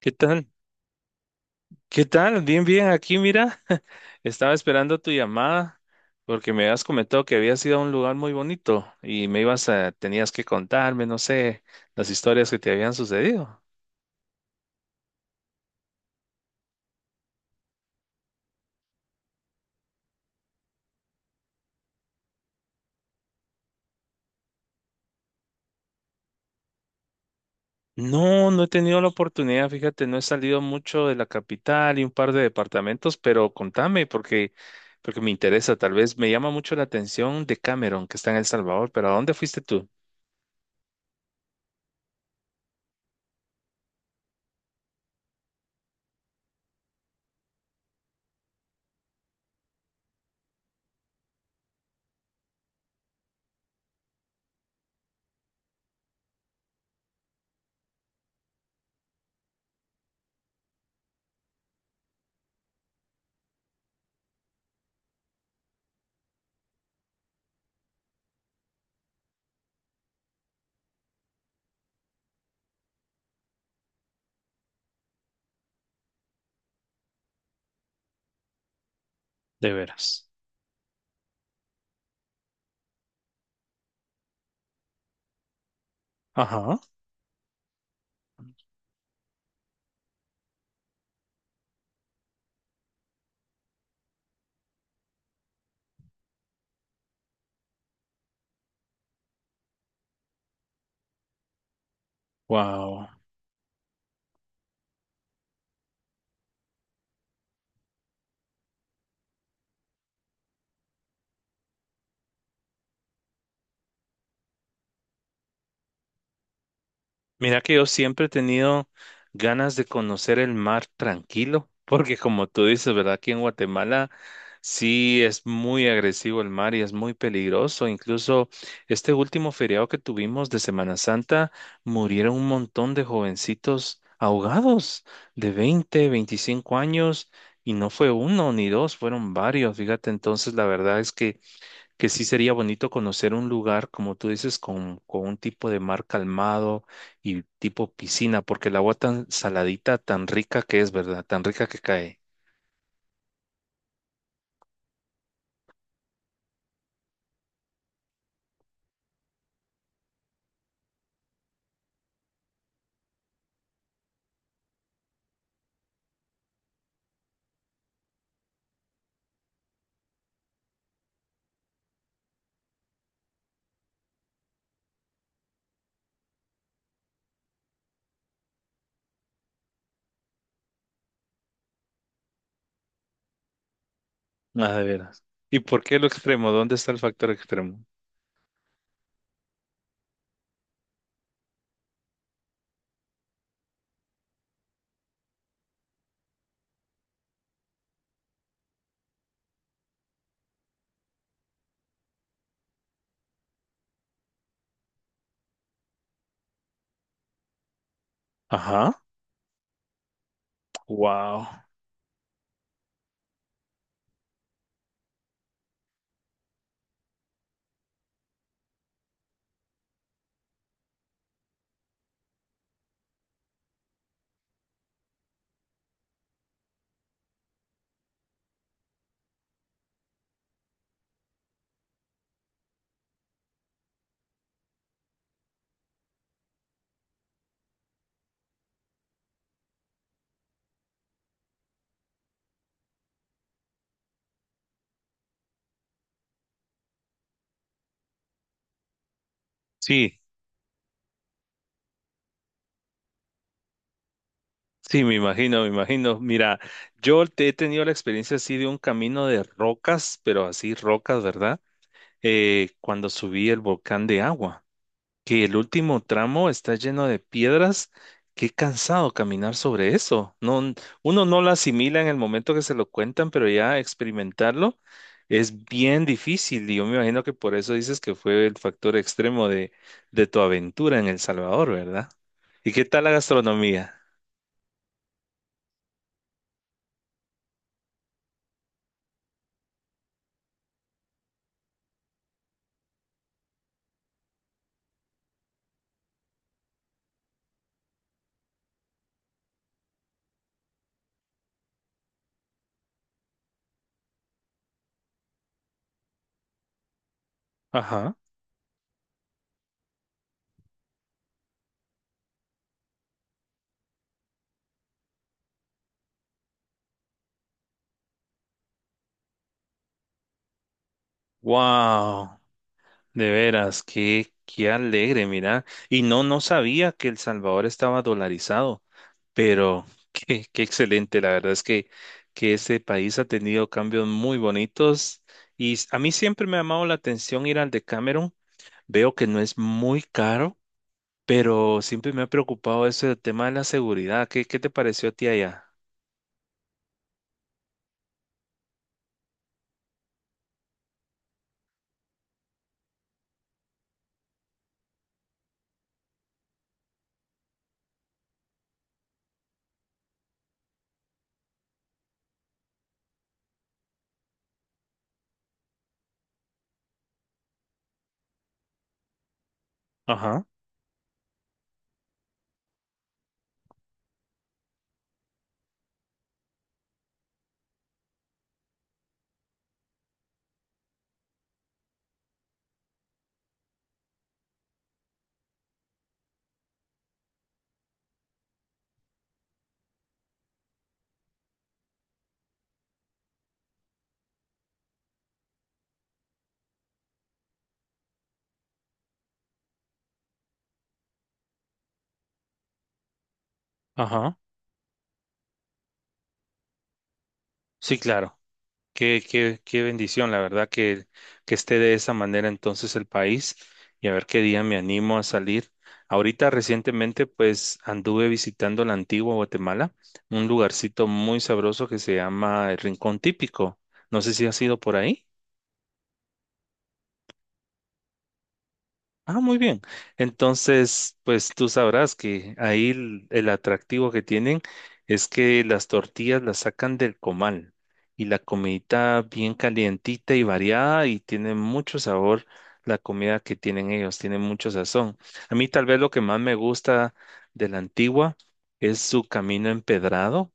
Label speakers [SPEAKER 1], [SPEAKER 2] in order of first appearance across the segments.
[SPEAKER 1] ¿Qué tal? ¿Qué tal? Bien, bien, aquí mira, estaba esperando tu llamada porque me habías comentado que habías ido a un lugar muy bonito y tenías que contarme, no sé, las historias que te habían sucedido. No, no he tenido la oportunidad, fíjate, no he salido mucho de la capital y un par de departamentos, pero contame porque me interesa, tal vez me llama mucho la atención de Cameron, que está en El Salvador, pero ¿a dónde fuiste tú? De veras. Ajá. Wow. Mira que yo siempre he tenido ganas de conocer el mar tranquilo, porque como tú dices, ¿verdad? Aquí en Guatemala sí es muy agresivo el mar y es muy peligroso. Incluso este último feriado que tuvimos de Semana Santa, murieron un montón de jovencitos ahogados de 20, 25 años y no fue uno ni dos, fueron varios. Fíjate, entonces la verdad es que sí sería bonito conocer un lugar, como tú dices, con un tipo de mar calmado y tipo piscina, porque el agua tan saladita, tan rica que es, ¿verdad? Tan rica que cae. Ah, de veras. ¿Y por qué lo extremo? ¿Dónde está el factor extremo? Ajá. Wow. Sí, sí, me imagino, me imagino. Mira, he tenido la experiencia así de un camino de rocas, pero así rocas, ¿verdad? Cuando subí el volcán de agua, que el último tramo está lleno de piedras. Qué cansado caminar sobre eso. No, uno no lo asimila en el momento que se lo cuentan, pero ya experimentarlo es bien difícil. Y yo me imagino que por eso dices que fue el factor extremo de tu aventura en El Salvador, ¿verdad? ¿Y qué tal la gastronomía? Ajá. Wow. De veras, qué alegre, mira. Y no, no sabía que El Salvador estaba dolarizado, pero qué excelente. La verdad es que ese país ha tenido cambios muy bonitos y a mí siempre me ha llamado la atención ir al de Cameron. Veo que no es muy caro, pero siempre me ha preocupado eso del tema de la seguridad. ¿Qué, qué te pareció a ti allá? Ajá, ajá. Sí, claro. Qué bendición, la verdad, que esté de esa manera entonces el país y a ver qué día me animo a salir. Ahorita recientemente pues anduve visitando la antigua Guatemala, un lugarcito muy sabroso que se llama el Rincón Típico. No sé si has ido por ahí. Ah, muy bien. Entonces, pues tú sabrás que ahí el atractivo que tienen es que las tortillas las sacan del comal y la comidita bien calientita y variada y tiene mucho sabor la comida que tienen ellos, tiene mucho sazón. A mí tal vez lo que más me gusta de la antigua es su camino empedrado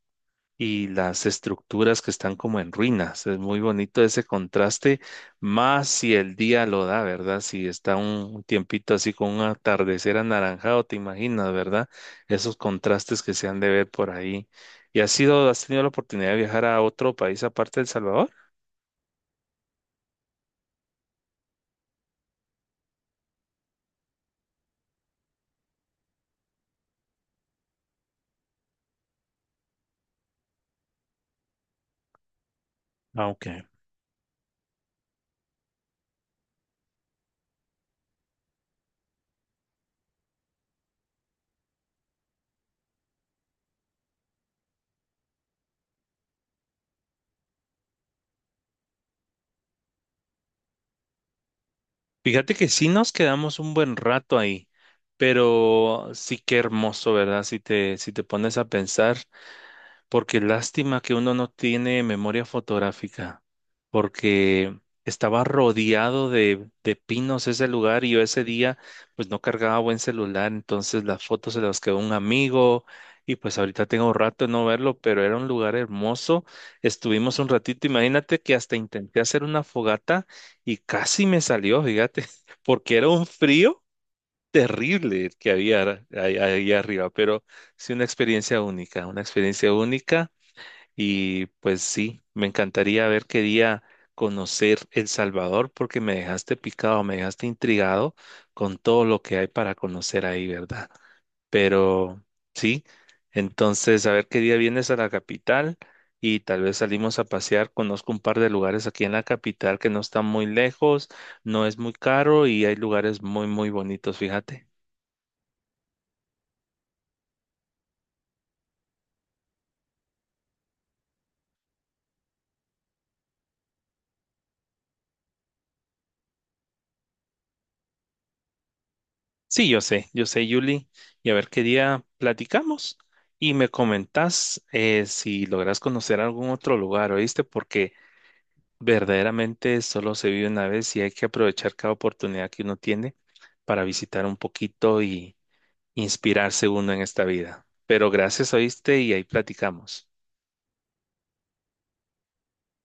[SPEAKER 1] y las estructuras que están como en ruinas. Es muy bonito ese contraste, más si el día lo da, ¿verdad? Si está un tiempito así con un atardecer anaranjado, te imaginas, ¿verdad? Esos contrastes que se han de ver por ahí. ¿Y has sido, has tenido la oportunidad de viajar a otro país aparte de El Salvador? Ah, ok. Fíjate que sí nos quedamos un buen rato ahí, pero sí que hermoso, ¿verdad? Si te, si te pones a pensar. Porque lástima que uno no tiene memoria fotográfica, porque estaba rodeado de pinos ese lugar y yo ese día pues no cargaba buen celular, entonces las fotos se las quedó un amigo y pues ahorita tengo rato de no verlo, pero era un lugar hermoso. Estuvimos un ratito, imagínate que hasta intenté hacer una fogata y casi me salió, fíjate, porque era un frío terrible el que había ahí arriba, pero sí una experiencia única y pues sí, me encantaría ver qué día conocer El Salvador porque me dejaste picado, me dejaste intrigado con todo lo que hay para conocer ahí, ¿verdad? Pero sí, entonces a ver qué día vienes a la capital y tal vez salimos a pasear. Conozco un par de lugares aquí en la capital que no están muy lejos, no es muy caro y hay lugares muy, muy bonitos, fíjate. Sí, yo sé, Yuli, y a ver qué día platicamos y me comentás si logras conocer algún otro lugar, ¿oíste? Porque verdaderamente solo se vive una vez y hay que aprovechar cada oportunidad que uno tiene para visitar un poquito y inspirarse uno en esta vida. Pero gracias, ¿oíste? Y ahí platicamos.